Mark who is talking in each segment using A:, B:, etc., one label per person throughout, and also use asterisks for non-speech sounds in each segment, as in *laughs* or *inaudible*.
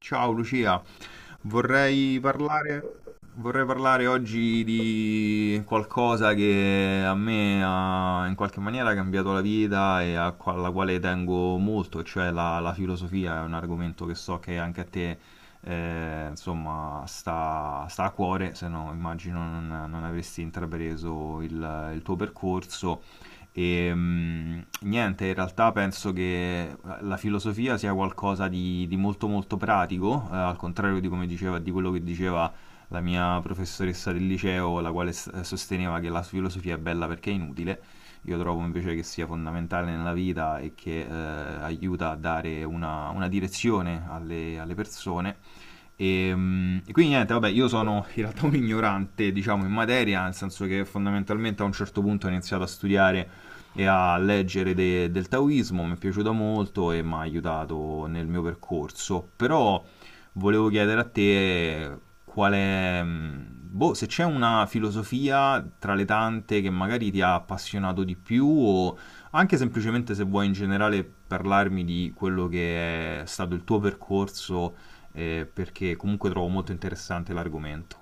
A: Ciao Lucia, vorrei parlare, vorrei parlare oggi di qualcosa che a me ha in qualche maniera cambiato la vita e alla quale tengo molto, cioè la filosofia è un argomento che so che anche a te insomma sta a cuore, se no immagino non avresti intrapreso il tuo percorso. E niente, in realtà penso che la filosofia sia qualcosa di molto molto pratico, al contrario di come diceva, di quello che diceva la mia professoressa del liceo, la quale sosteneva che la filosofia è bella perché è inutile. Io trovo invece che sia fondamentale nella vita e che aiuta a dare una direzione alle persone e, e quindi niente, vabbè, io sono in realtà un ignorante, diciamo, in materia, nel senso che fondamentalmente a un certo punto ho iniziato a studiare e a leggere del taoismo, mi è piaciuto molto e mi ha aiutato nel mio percorso, però volevo chiedere a te qual è, boh, se c'è una filosofia tra le tante che magari ti ha appassionato di più o anche semplicemente se vuoi in generale parlarmi di quello che è stato il tuo percorso, perché comunque trovo molto interessante l'argomento.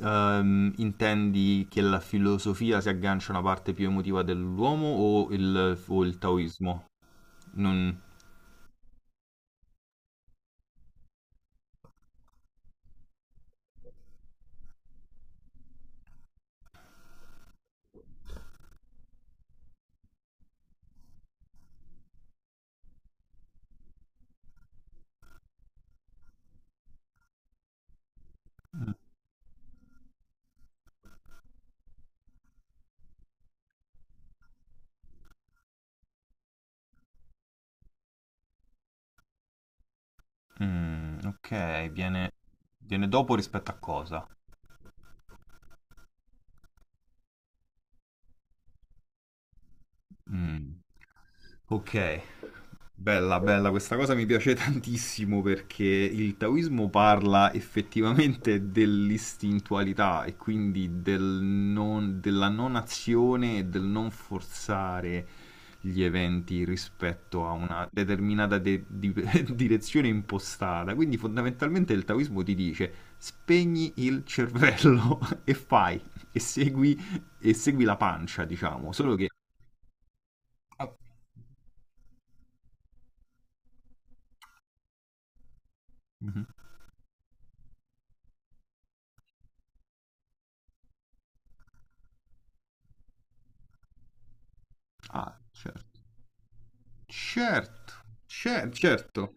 A: Intendi che la filosofia si aggancia a una parte più emotiva dell'uomo o il taoismo? Non... Ok, viene dopo rispetto a cosa? Mm, ok. Bella, bella, questa cosa mi piace *laughs* tantissimo perché il taoismo parla effettivamente dell'istintualità e quindi della non azione e del non forzare gli eventi rispetto a una determinata *laughs* direzione impostata. Quindi fondamentalmente il taoismo ti dice spegni il cervello *laughs* e fai, e segui, e segui la pancia, diciamo, solo che... Ah. Mhm. Ah, certo. Certo, certo,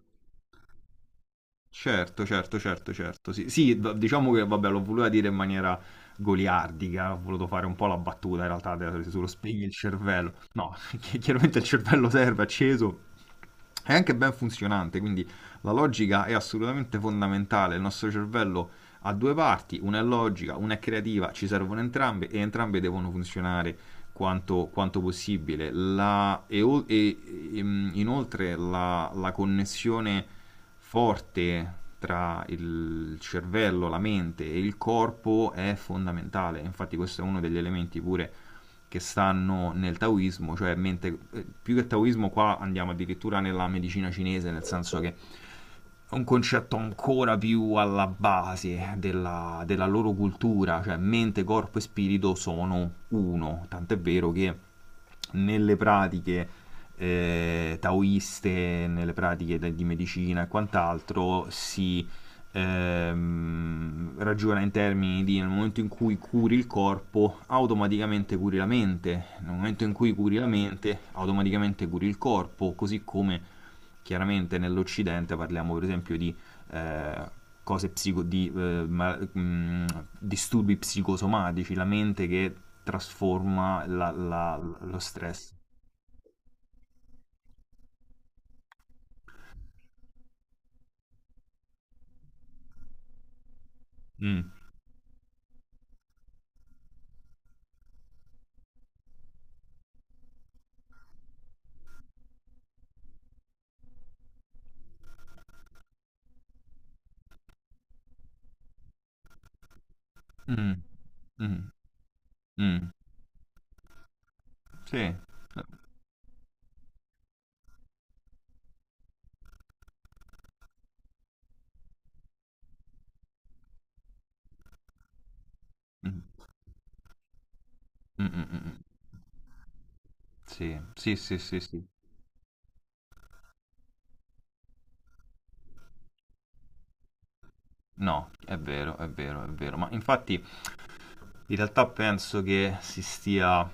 A: certo, certo, certo, certo. Sì, sì, diciamo che vabbè, l'ho voluta dire in maniera goliardica, ho voluto fare un po' la battuta in realtà sullo spegni il cervello. No, *laughs* chiaramente il cervello serve, è acceso, è anche ben funzionante, quindi la logica è assolutamente fondamentale. Il nostro cervello ha due parti, una è logica, una è creativa, ci servono entrambe e entrambe devono funzionare quanto, quanto possibile. Inoltre la connessione forte tra il cervello, la mente e il corpo è fondamentale. Infatti questo è uno degli elementi pure che stanno nel taoismo, più che taoismo qua andiamo addirittura nella medicina cinese, nel senso che un concetto ancora più alla base della loro cultura, cioè mente, corpo e spirito sono uno, tant'è vero che nelle pratiche taoiste, nelle pratiche di medicina e quant'altro si, ragiona in termini di nel momento in cui curi il corpo, automaticamente curi la mente, nel momento in cui curi la mente, automaticamente curi il corpo, così come chiaramente nell'Occidente parliamo per esempio di eh, cose psico- di, ma- disturbi psicosomatici, la mente che trasforma lo stress. Mm, mm, mm, mm, Sì. Mm, mm, mm, mm. Sì, sì, sì, sì, sì. No, è vero, è vero, è vero. Ma infatti in realtà penso che si stia,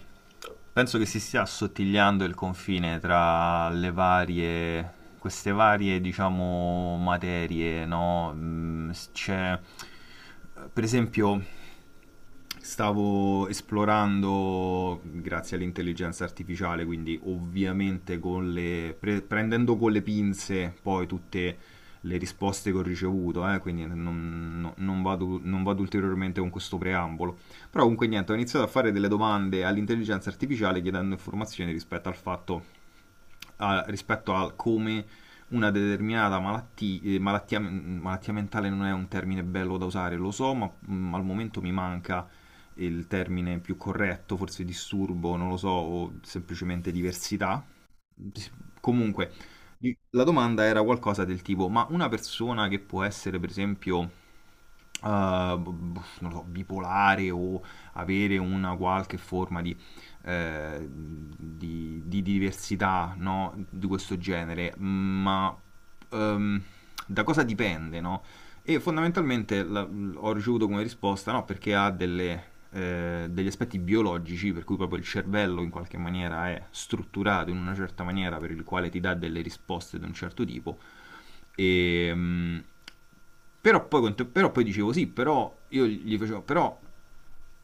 A: penso che si stia assottigliando il confine tra le varie, queste varie, diciamo, materie, no? C'è, per esempio, stavo esplorando, grazie all'intelligenza artificiale, quindi ovviamente con le, prendendo con le pinze poi tutte le risposte che ho ricevuto, quindi non vado, non vado ulteriormente con questo preambolo, però comunque niente, ho iniziato a fare delle domande all'intelligenza artificiale chiedendo informazioni rispetto al fatto, a, rispetto a come una determinata malattia, malattia mentale non è un termine bello da usare, lo so, ma al momento mi manca il termine più corretto, forse disturbo, non lo so, o semplicemente diversità. Comunque, la domanda era qualcosa del tipo, ma una persona che può essere, per esempio, non lo so, bipolare o avere una qualche forma di diversità, no? Di questo genere, ma, ehm, da cosa dipende? No? E fondamentalmente ho ricevuto come risposta no, perché ha degli aspetti biologici, per cui proprio il cervello in qualche maniera è strutturato in una certa maniera per il quale ti dà delle risposte di un certo tipo. E, però, poi, però poi dicevo sì, però io gli facevo, però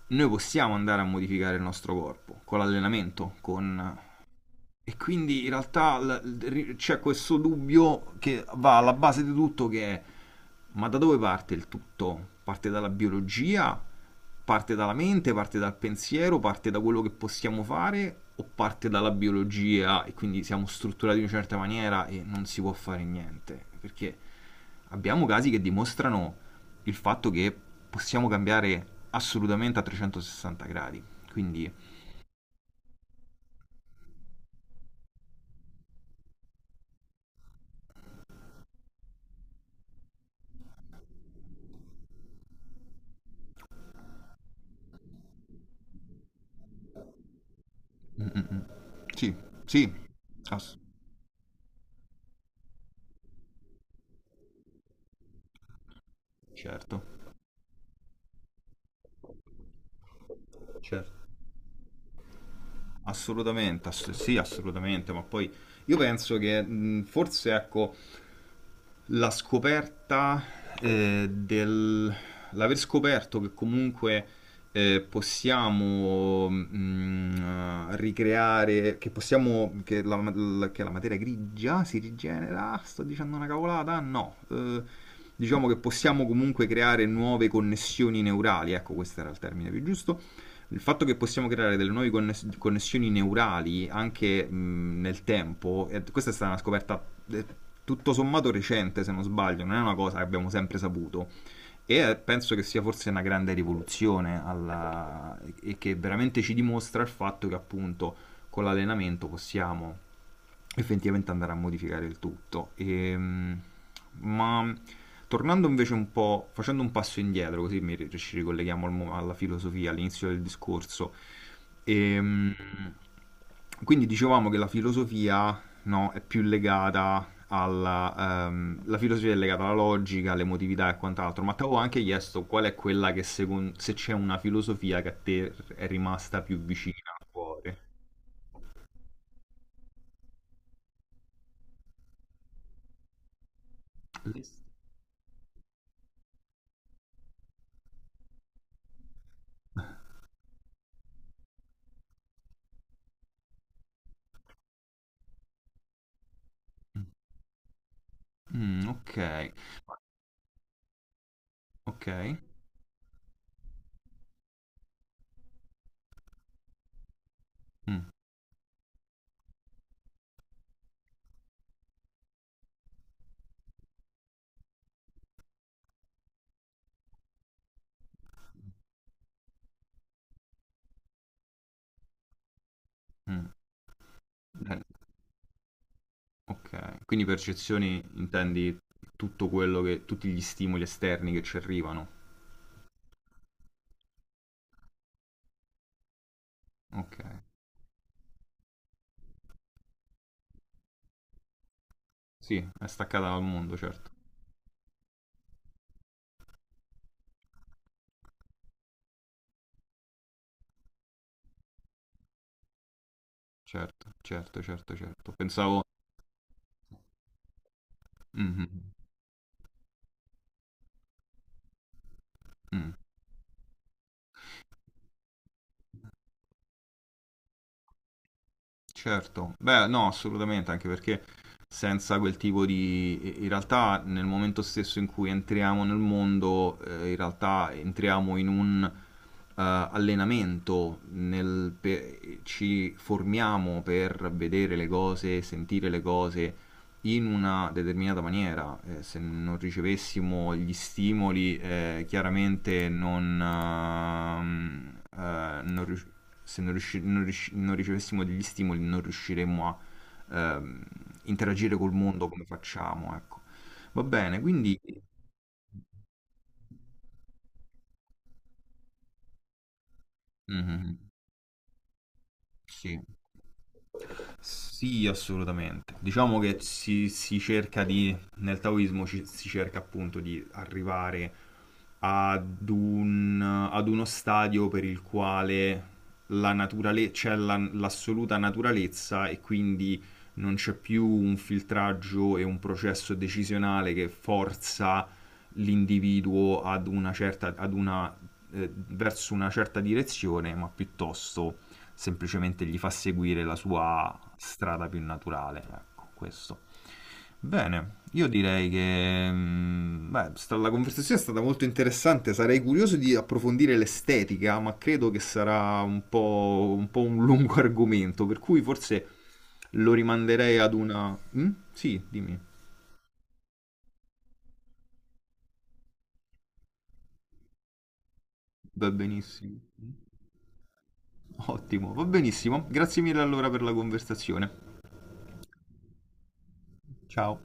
A: noi possiamo andare a modificare il nostro corpo con l'allenamento, con, e quindi in realtà c'è questo dubbio che va alla base di tutto che è ma da dove parte il tutto? Parte dalla biologia? Parte dalla mente? Parte dal pensiero? Parte da quello che possiamo fare? O parte dalla biologia e quindi siamo strutturati in una certa maniera e non si può fare niente? Perché abbiamo casi che dimostrano il fatto che possiamo cambiare assolutamente a 360 gradi. Quindi mm, mm, mm. sì, sì, ass- certo, certo. Assolutamente, sì, assolutamente, ma poi io penso che forse ecco la scoperta, del l'aver scoperto che comunque, possiamo ricreare, che possiamo che la, la- che la materia grigia si rigenera, sto dicendo una cavolata? No, diciamo che possiamo comunque creare nuove connessioni neurali, ecco, questo era il termine più giusto. Il fatto che possiamo creare delle nuove connessioni neurali anche nel tempo, e questa è stata una scoperta eh, tutto sommato recente, se non sbaglio, non è una cosa che abbiamo sempre saputo, e penso che sia forse una grande rivoluzione che veramente ci dimostra il fatto che appunto con l'allenamento possiamo effettivamente andare a modificare il tutto. Ma tornando invece un po', facendo un passo indietro, così mi, ci ricolleghiamo al alla filosofia, all'inizio del discorso. Ehm, quindi dicevamo che la filosofia, no, è più legata alla... la filosofia è legata alla logica, all'emotività e quant'altro, ma ti avevo anche chiesto qual è quella che secondo... se c'è una filosofia che a te è rimasta più vicina al cuore. Ok. Ok. Mm, mm. Eh, ok. Quindi percezioni intendi tutto quello che, tutti gli stimoli esterni che ci arrivano. Ok. Sì, è staccata dal mondo, certo. Certo, certo, certo, certo. Pensavo... Mhm, mm. mm. Certo, beh, no, assolutamente, anche perché senza quel tipo di... in realtà nel momento stesso in cui entriamo nel mondo, in realtà entriamo in un allenamento, nel... ci formiamo per vedere le cose, sentire le cose in una determinata maniera. Se non ricevessimo gli stimoli, chiaramente non, non rius- se non, riusci- non riusci- non ricevessimo degli stimoli, non riusciremmo a, ehm, interagire col mondo come facciamo, ecco. Va bene, quindi... Mhm. Sì. Sì, assolutamente. Diciamo che si cerca di, nel taoismo si cerca appunto di arrivare ad un, ad uno stadio per il quale c'è l'assoluta naturalezza e quindi non c'è più un filtraggio e un processo decisionale che forza l'individuo ad una certa, ad una, verso una certa direzione, ma piuttosto semplicemente gli fa seguire la sua strada più naturale. Ecco, questo. Bene, io direi che beh, la conversazione è stata molto interessante, sarei curioso di approfondire l'estetica, ma credo che sarà un po', un po' un lungo *laughs* argomento, per cui forse lo rimanderei ad una... Mm? Sì, dimmi, va benissimo. Ottimo, va benissimo. Grazie mille allora per la conversazione. Ciao.